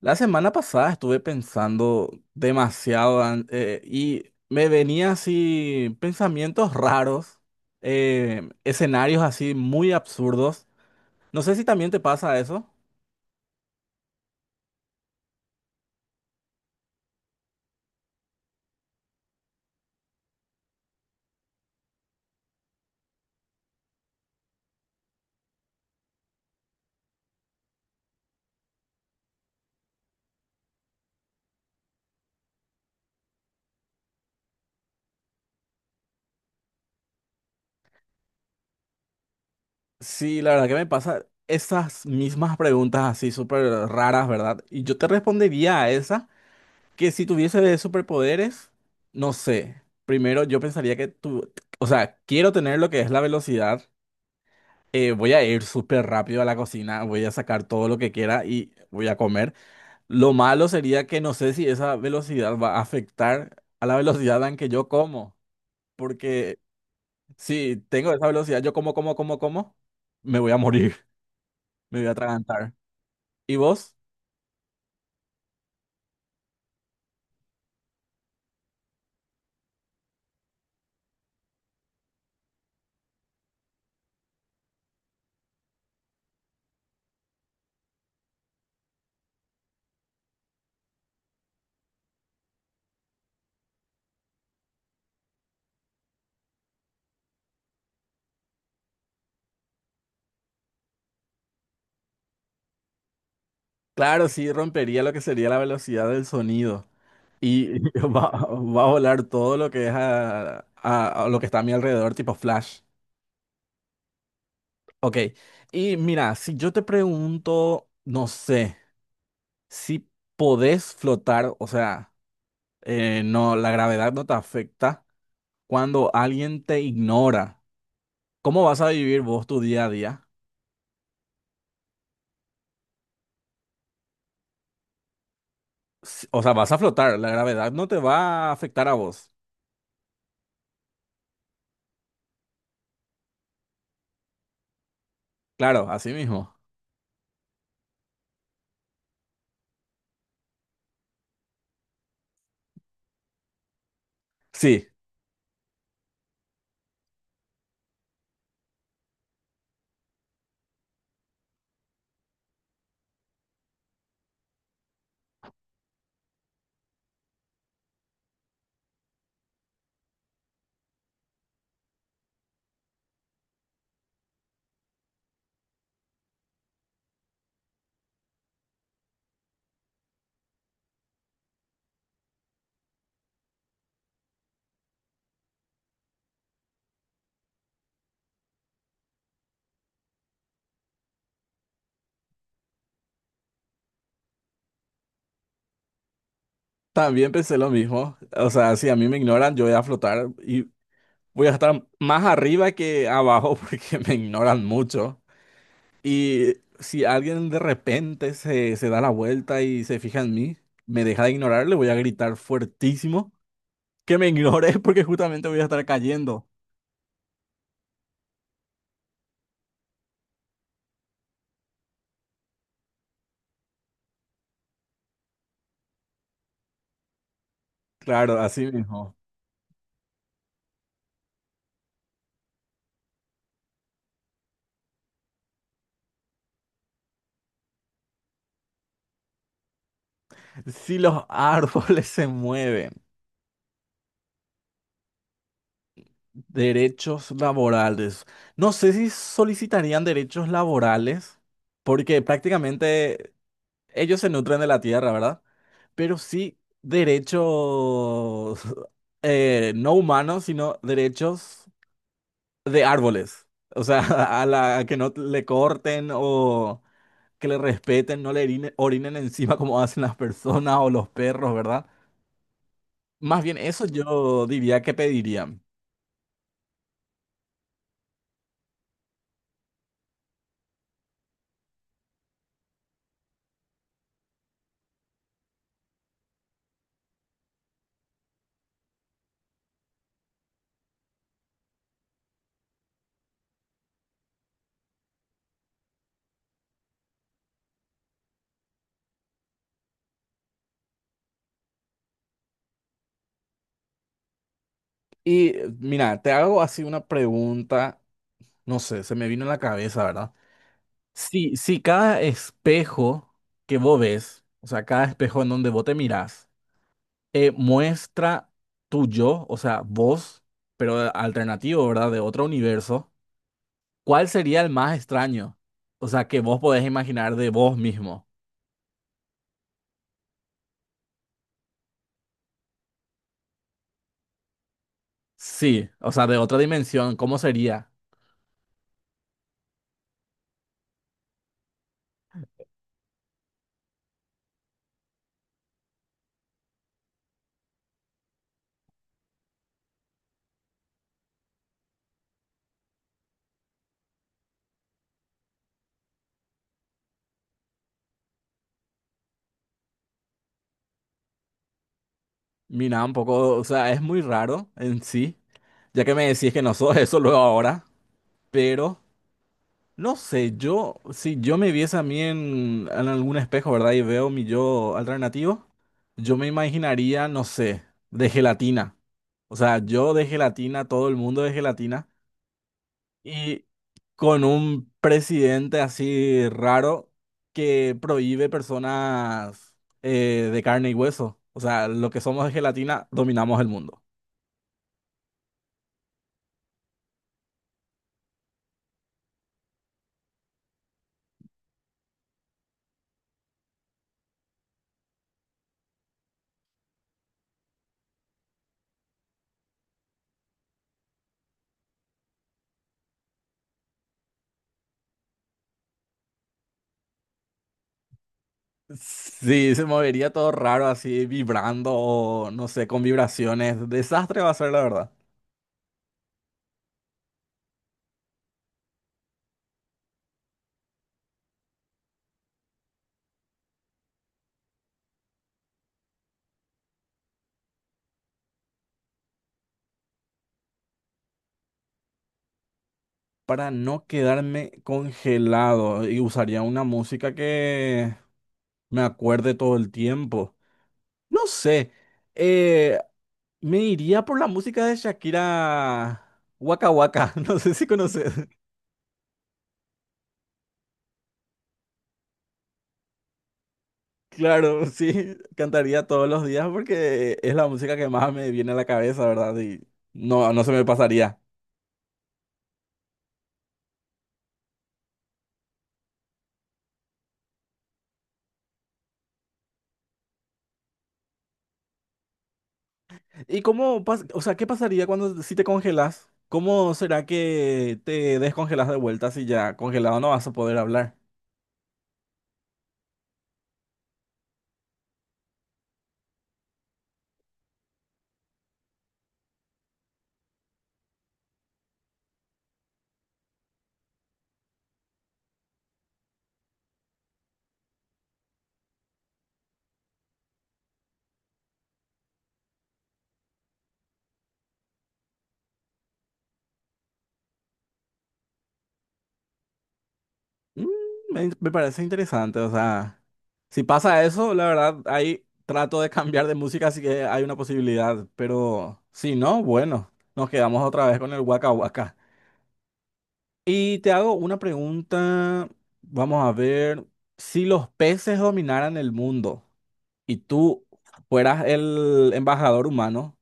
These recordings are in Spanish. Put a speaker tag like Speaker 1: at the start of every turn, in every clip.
Speaker 1: La semana pasada estuve pensando demasiado y me venía así pensamientos raros, escenarios así muy absurdos. No sé si también te pasa eso. Sí, la verdad que me pasa esas mismas preguntas así súper raras, ¿verdad? Y yo te respondería a esa que si tuviese superpoderes, no sé. Primero yo pensaría que tú, o sea, quiero tener lo que es la velocidad. Voy a ir súper rápido a la cocina, voy a sacar todo lo que quiera y voy a comer. Lo malo sería que no sé si esa velocidad va a afectar a la velocidad en que yo como, porque si tengo esa velocidad, yo como, como, como, como, me voy a morir, me voy a atragantar. ¿Y vos? Claro, sí, rompería lo que sería la velocidad del sonido y va a volar todo lo que es a lo que está a mi alrededor, tipo flash. Ok. Y mira, si yo te pregunto, no sé. Si podés flotar, o sea, no, la gravedad no te afecta cuando alguien te ignora. ¿Cómo vas a vivir vos tu día a día? O sea, vas a flotar, la gravedad no te va a afectar a vos. Claro, así mismo. Sí, también pensé lo mismo. O sea, si a mí me ignoran, yo voy a flotar y voy a estar más arriba que abajo porque me ignoran mucho. Y si alguien de repente se da la vuelta y se fija en mí, me deja de ignorar, le voy a gritar fuertísimo que me ignore porque justamente voy a estar cayendo. Claro, así mismo. Si los árboles se mueven, derechos laborales. No sé si solicitarían derechos laborales porque prácticamente ellos se nutren de la tierra, ¿verdad? Pero sí derechos no humanos, sino derechos de árboles. O sea, a la que no le corten o que le respeten, no le orine- orinen encima como hacen las personas o los perros, ¿verdad? Más bien eso yo diría que pediría. Y mira, te hago así una pregunta, no sé, se me vino en la cabeza, ¿verdad? Si cada espejo que vos ves, o sea, cada espejo en donde vos te mirás, muestra tu yo, o sea, vos, pero alternativo, ¿verdad? De otro universo. ¿Cuál sería el más extraño? O sea, que vos podés imaginar de vos mismo. Sí, o sea, de otra dimensión, ¿cómo sería? Mira, un poco, o sea, es muy raro en sí, ya que me decís que no sos eso luego ahora, pero no sé, yo, si yo me viese a mí en algún espejo, ¿verdad? Y veo mi yo alternativo, yo me imaginaría, no sé, de gelatina. O sea, yo de gelatina, todo el mundo de gelatina. Y con un presidente así raro que prohíbe personas de carne y hueso. O sea, lo que somos de gelatina, dominamos el mundo. Sí, se movería todo raro así, vibrando o no sé, con vibraciones. Desastre va a ser, la verdad. Para no quedarme congelado y usaría una música que me acuerde todo el tiempo. No sé. eh, Me iría por la música de Shakira Waka Waka, no sé si conoces. Claro, sí, cantaría todos los días porque es la música que más me viene a la cabeza, ¿verdad? Y no, no se me pasaría. ¿ O sea, ¿qué pasaría cuando si te congelas? ¿Cómo será que te descongelas de vuelta si ya congelado no vas a poder hablar? Mm, me parece interesante, o sea, si pasa eso, la verdad, ahí trato de cambiar de música, así que hay una posibilidad, pero si no, bueno, nos quedamos otra vez con el Waka Waka. Y te hago una pregunta, vamos a ver, si los peces dominaran el mundo y tú fueras el embajador humano,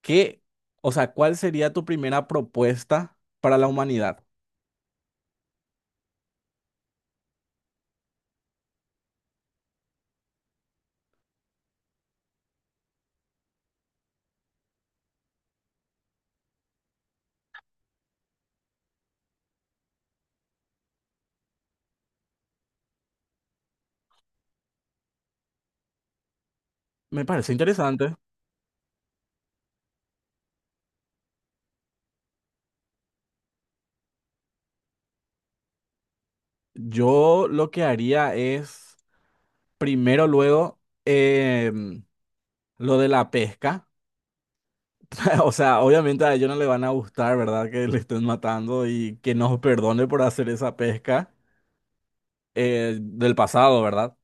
Speaker 1: ¿qué, o sea, cuál sería tu primera propuesta para la humanidad? Me parece interesante. Yo lo que haría es... Primero, luego, lo de la pesca. O sea, obviamente a ellos no les van a gustar, ¿verdad? Que le estén matando y que nos perdone por hacer esa pesca del pasado, ¿verdad?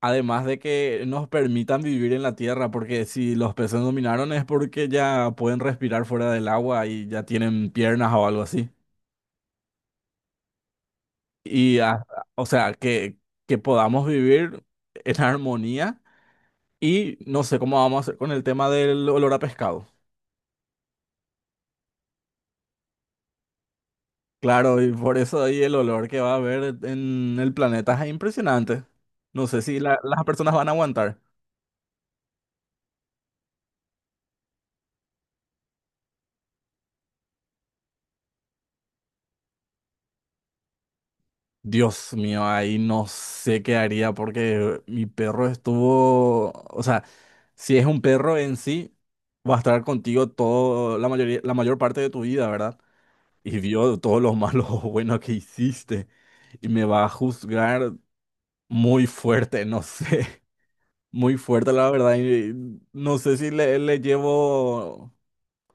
Speaker 1: Además de que nos permitan vivir en la tierra, porque si los peces dominaron es porque ya pueden respirar fuera del agua y ya tienen piernas o algo así. Y, ah, o sea, que podamos vivir en armonía y no sé cómo vamos a hacer con el tema del olor a pescado. Claro, y por eso ahí el olor que va a haber en el planeta es impresionante. No sé si las personas van a aguantar. Dios mío, ahí no sé qué haría porque mi perro estuvo, o sea, si es un perro en sí, va a estar contigo todo, la mayoría, la mayor parte de tu vida, ¿verdad? Y vio todos los malos o buenos que hiciste y me va a juzgar muy fuerte, no sé, muy fuerte la verdad. Y no sé si le llevo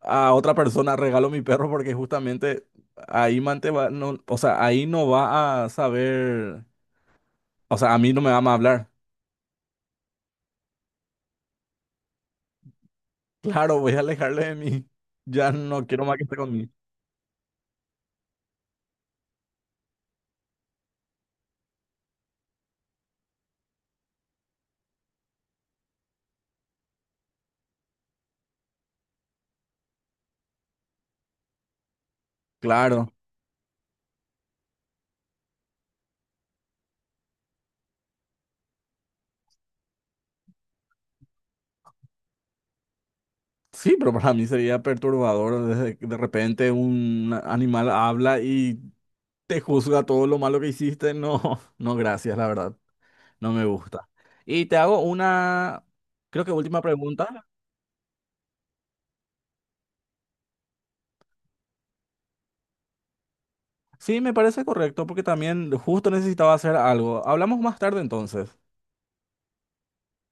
Speaker 1: a otra persona, regalo mi perro porque justamente ahí Mante va, no, o sea, ahí no va a saber, o sea, a mí no me va a hablar. Claro, voy a alejarle de mí. Ya no quiero más que esté conmigo. Claro. Sí, pero para mí sería perturbador desde que de repente un animal habla y te juzga todo lo malo que hiciste. No, no, gracias, la verdad. No me gusta. Y te hago una, creo que última pregunta. Sí, me parece correcto porque también justo necesitaba hacer algo. Hablamos más tarde entonces.